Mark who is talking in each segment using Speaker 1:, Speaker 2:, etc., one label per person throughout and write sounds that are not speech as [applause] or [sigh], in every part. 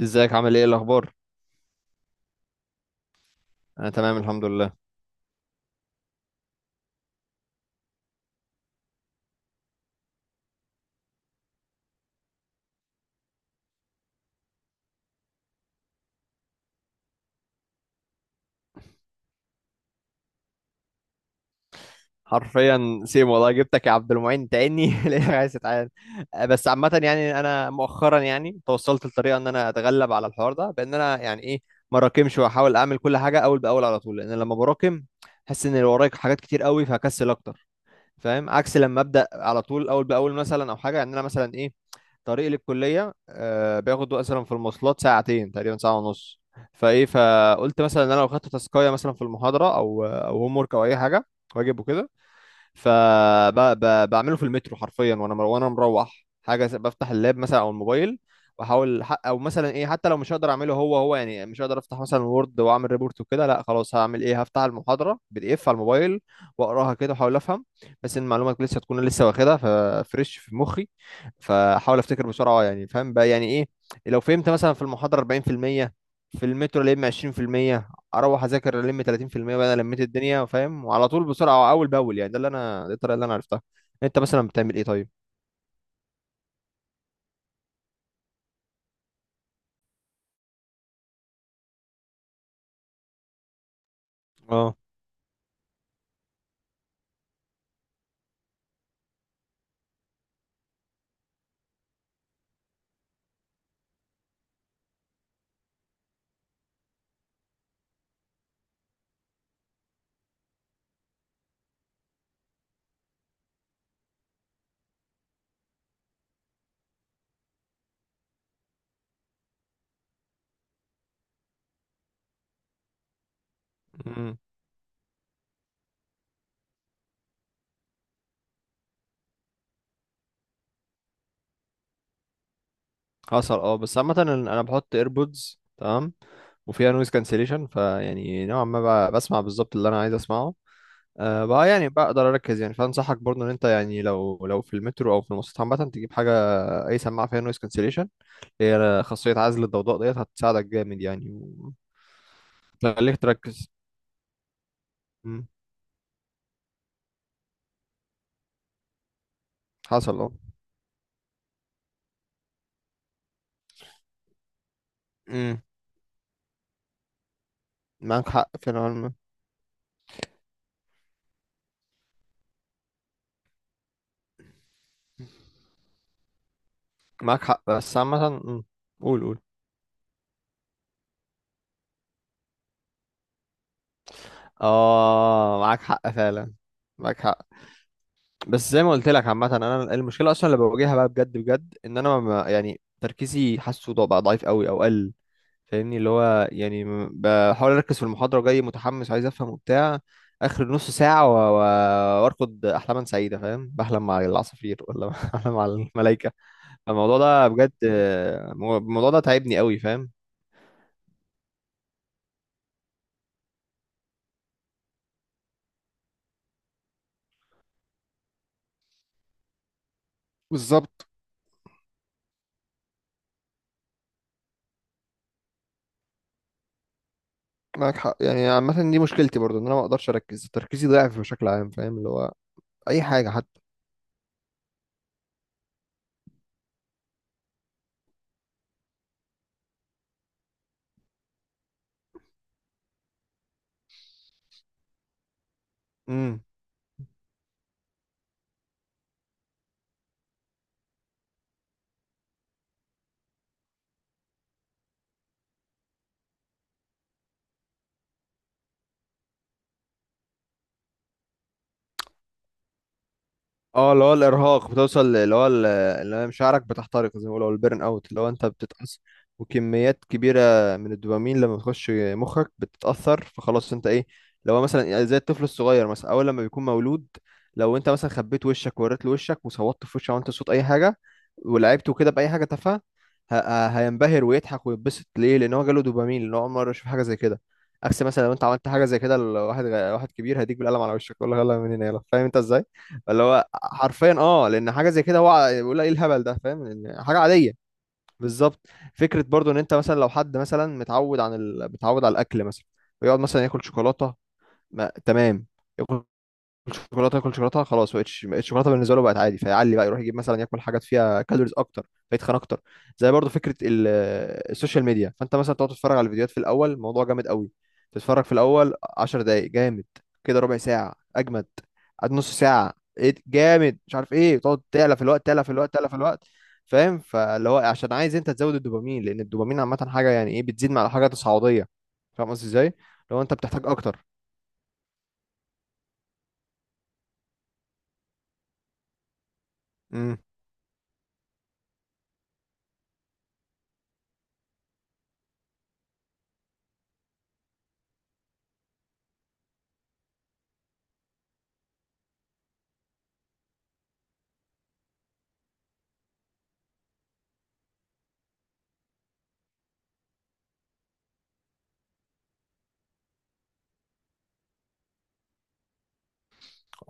Speaker 1: ازيك؟ عامل ايه؟ إيه الاخبار؟ انا تمام الحمد لله. حرفيا سيم والله، جبتك يا عبد المعين تاني [laughs] ليه؟ عايز اتعاد. بس عامه يعني انا مؤخرا يعني توصلت لطريقه ان انا اتغلب على الحوار ده بان انا يعني ايه، ما راكمش واحاول اعمل كل حاجه اول باول على طول، لان لما براكم احس ان اللي ورايا حاجات كتير قوي فهكسل اكتر، فاهم؟ عكس لما ابدا على طول اول باول مثلا او حاجه، يعني انا مثلا ايه، طريقي للكليه بياخد مثلا في المواصلات ساعتين تقريبا، ساعه ونص. فايه، فقلت مثلا ان انا لو خدت تاسكايه مثلا في المحاضره او او هوم ورك او اي حاجه، واجب وكده، فبعمله في المترو حرفيا، وانا مروح بفتح اللاب مثلا او الموبايل، او مثلا ايه، حتى لو مش هقدر اعمله، هو يعني مش هقدر افتح مثلا وورد واعمل ريبورت وكده، لا خلاص، هعمل ايه، هفتح المحاضره بي دي اف على الموبايل واقراها كده واحاول افهم، بس ان المعلومات لسه تكون لسه واخدها ففريش في مخي، فاحاول افتكر بسرعه، يعني فاهم بقى يعني ايه، لو فهمت مثلا في المحاضره 40% في المية، في المترو لم 20%، اروح اذاكر الم 30%، بقى انا لميت الدنيا فاهم، وعلى طول بسرعه اول باول، يعني ده اللي انا، دي الطريقه اللي انا عرفتها. انت مثلا بتعمل ايه طيب؟ اه. امم. حصل اه. بس عامه انا بحط ايربودز تمام، وفيها نويز كانسليشن فيعني نوعا ما بسمع بالظبط اللي انا عايز اسمعه. أه بقى يعني بقدر اركز يعني، فانصحك برضه ان انت يعني لو في المترو او في المواصلات عامه تجيب حاجه، اي سماعه فيها نويز كانسليشن، هي خاصيه عزل الضوضاء ديت هتساعدك جامد يعني، وتخليك تركز. مم. حصل اه. معاك حق في العلم. معاك حق بس عامة. مم. قول قول. اه معاك حق فعلا. معاك حق. بس زي ما قلت لك عامة، انا المشكلة اصلا اللي بواجهها بقى بجد بجد ان انا ما يعني تركيزي حاسه بقى ضعيف قوي او قل، فاهمني؟ اللي هو يعني بحاول اركز في المحاضرة جاي متحمس عايز افهم وبتاع، اخر نص ساعة و... و... وارقد احلاما سعيدة، فاهم؟ بحلم مع العصافير ولا [laughs] بحلم مع الملائكة. الموضوع ده بجد، الموضوع ده تعبني قوي فاهم. بالظبط. معاك حق، يعني عامة دي مشكلتي برضو ان انا ما اقدرش اركز، تركيزي ضعف بشكل عام، فاهم؟ اللي هو اي حاجة. حتى. اه اللي هو الارهاق، بتوصل اللي هو اللي هو مشاعرك بتحترق زي ما بيقولوا البيرن اوت، اللي هو انت بتتأثر وكميات كبيره من الدوبامين، لما بتخش مخك بتتأثر، فخلاص انت ايه، لو هو مثلا يعني زي الطفل الصغير مثلا اول لما بيكون مولود، لو انت مثلا خبيت وشك ووريت له وشك وصوتت في وشه، وانت صوت اي حاجه ولعبته كده باي حاجه تافهه، هينبهر ويضحك ويتبسط ليه، لان هو جاله دوبامين، لان هو اول مره يشوف حاجه زي كده. عكس مثلا لو انت عملت حاجه زي كده واحد كبير، هيديك بالقلم على وشك، يقول لك يلا من هنا يلا، فاهم انت ازاي؟ اللي هو حرفيا اه، لان حاجه زي كده هو بيقول ايه الهبل ده، فاهم؟ إن حاجه عاديه. بالظبط. فكره برضو ان انت مثلا لو حد مثلا متعود على الاكل مثلا، ويقعد مثلا ياكل شوكولاته ما... تمام، ياكل شوكولاته، ياكل شوكولاته، خلاص بقت الشوكولاته بالنسبه له بقت عادي، فيعلي بقى يروح يجيب مثلا ياكل حاجات فيها كالوريز اكتر فيتخن اكتر. زي برضو فكره السوشيال ميديا، فانت مثلا تقعد تتفرج على الفيديوهات، في الاول الموضوع جامد قوي، تتفرج في الاول 10 دقائق جامد، كده ربع ساعه اجمد، قعد نص ساعه، ايه ده؟ جامد مش عارف ايه، تقعد تعلى في الوقت تعلى في الوقت تعلى في الوقت. فاهم؟ فاللي هو عشان عايز انت تزود الدوبامين، لان الدوبامين عامه حاجه يعني ايه بتزيد مع الحاجه تصاعديه، فاهم قصدي ازاي؟ لو انت بتحتاج اكتر.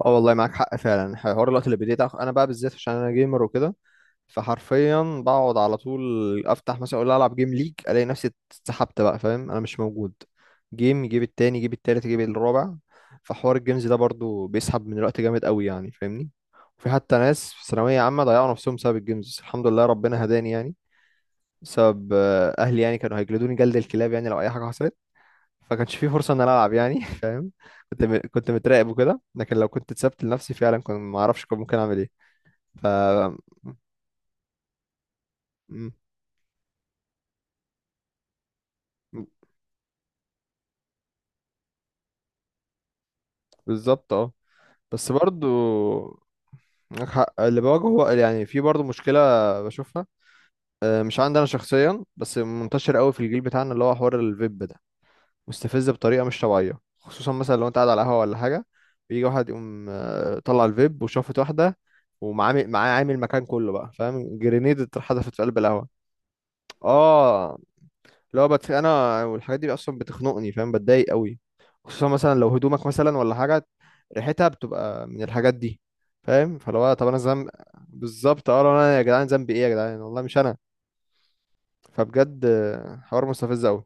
Speaker 1: اه والله معاك حق فعلا، حوار الوقت اللي بديت انا بقى بالذات عشان انا جيمر وكده، فحرفيا بقعد على طول، افتح مثلا اقول العب جيم ليج، الاقي نفسي اتسحبت بقى فاهم، انا مش موجود، جيم يجيب التاني يجيب التالت يجيب الرابع، فحوار الجيمز ده برضو بيسحب من الوقت جامد قوي يعني، فاهمني؟ وفي حتى ناس في ثانوية عامة ضيعوا نفسهم بسبب الجيمز، بس الحمد لله ربنا هداني يعني، بسبب اهلي، يعني كانوا هيجلدوني جلد الكلاب يعني لو اي حاجة حصلت، فكانش في فرصه ان انا العب يعني [laughs] فاهم. كنت متراقب وكده، لكن لو كنت اتسبت لنفسي فعلا كنت ما اعرفش كنت ممكن اعمل ايه. ف. م- م- بالظبط اه. بس برضو معاك حق. اللي بواجهه يعني في برضو مشكله بشوفها، مش عندي انا شخصيا بس منتشر قوي في الجيل بتاعنا، اللي هو حوار الفيب ده مستفز بطريقه مش طبيعيه، خصوصا مثلا لو انت قاعد على قهوه ولا حاجه، بيجي واحد يقوم طلع الفيب وشافت واحده، ومعاه عامل مكان كله بقى فاهم، جرينيد اتحدفت في قلب القهوه. اه انا والحاجات دي اصلا بتخنقني فاهم، بتضايق قوي، خصوصا مثلا لو هدومك مثلا ولا حاجه، ريحتها بتبقى من الحاجات دي. فاهم؟ طب انا ذنب؟ بالظبط اه، لو انا يا جدعان ذنبي ايه يا جدعان، والله مش انا. فبجد، حوار مستفز قوي.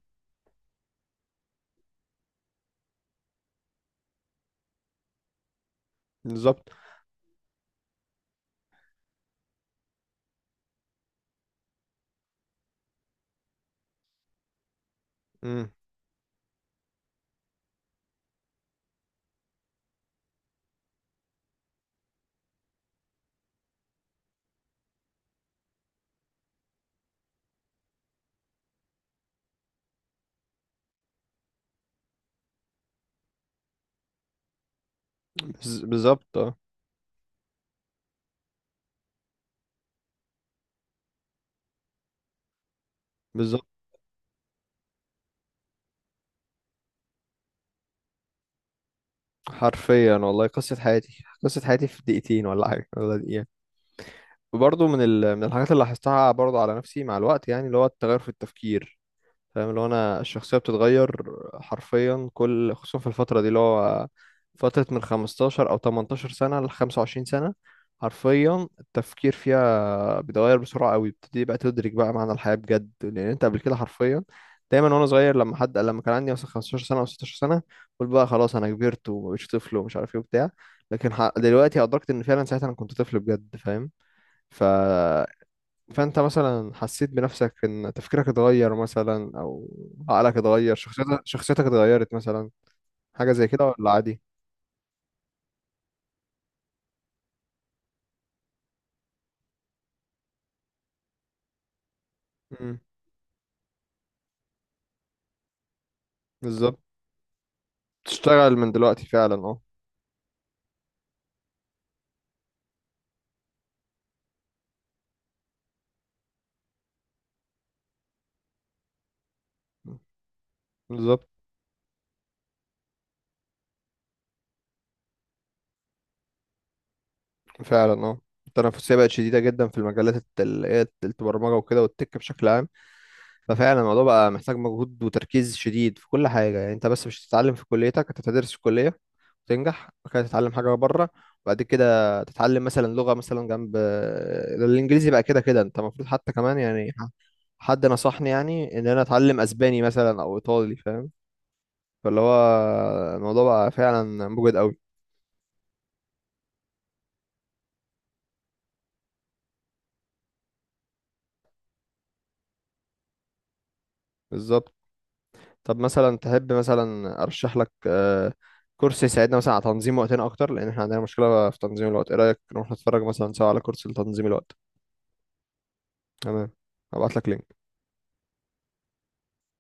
Speaker 1: بالظبط. امم. بالظبط اه. بالظبط حرفيا والله، قصه حياتي، قصه حياتي في دقيقتين ولا حاجه ولا دقيقه. وبرضه من من الحاجات اللي لاحظتها برضه على نفسي مع الوقت، يعني اللي هو التغير في التفكير، فاهم؟ اللي هو انا الشخصيه بتتغير حرفيا كل، خصوصا في الفتره دي اللي هو فتره من 15 او 18 سنه ل 25 سنه، حرفيا التفكير فيها بيتغير بسرعه قوي، بتبتدي بقى تدرك بقى معنى الحياه بجد، لان انت قبل كده حرفيا، دايما وانا صغير لما حد لما كان عندي مثلا 15 سنه او 16 سنه قلت بقى خلاص انا كبرت ومبقتش طفل ومش عارف ايه وبتاع، لكن دلوقتي ادركت ان فعلا ساعتها انا كنت طفل بجد فاهم. ف. فانت مثلا حسيت بنفسك ان تفكيرك اتغير مثلا، او عقلك اتغير، شخصيتك اتغيرت مثلا، حاجة زي كده ولا عادي؟ امم. بالظبط. تشتغل من دلوقتي فعلا اه. بالظبط فعلا اه. التنافسية بقت شديدة جدا في المجالات، اللي هي البرمجة وكده والتك بشكل عام. ففعلا الموضوع بقى محتاج مجهود وتركيز شديد في كل حاجة، يعني انت بس مش هتتعلم في كليتك، انت هتدرس في كلية تنجح، بعد كده تتعلم حاجة بره، وبعد كده تتعلم مثلا لغة مثلا جنب الإنجليزي، بقى كده كده أنت المفروض حتى كمان يعني حد نصحني يعني إن أنا أتعلم أسباني مثلا أو إيطالي فاهم، فاللي هو الموضوع بقى فعلا موجود قوي. بالظبط. طب مثلا تحب مثلا أرشح لك كورس يساعدنا مثلا على تنظيم وقتنا أكتر، لأن إحنا عندنا مشكلة في تنظيم الوقت، إيه رأيك نروح نتفرج مثلا سوا على كورس لتنظيم الوقت؟ تمام. هبعت لك لينك.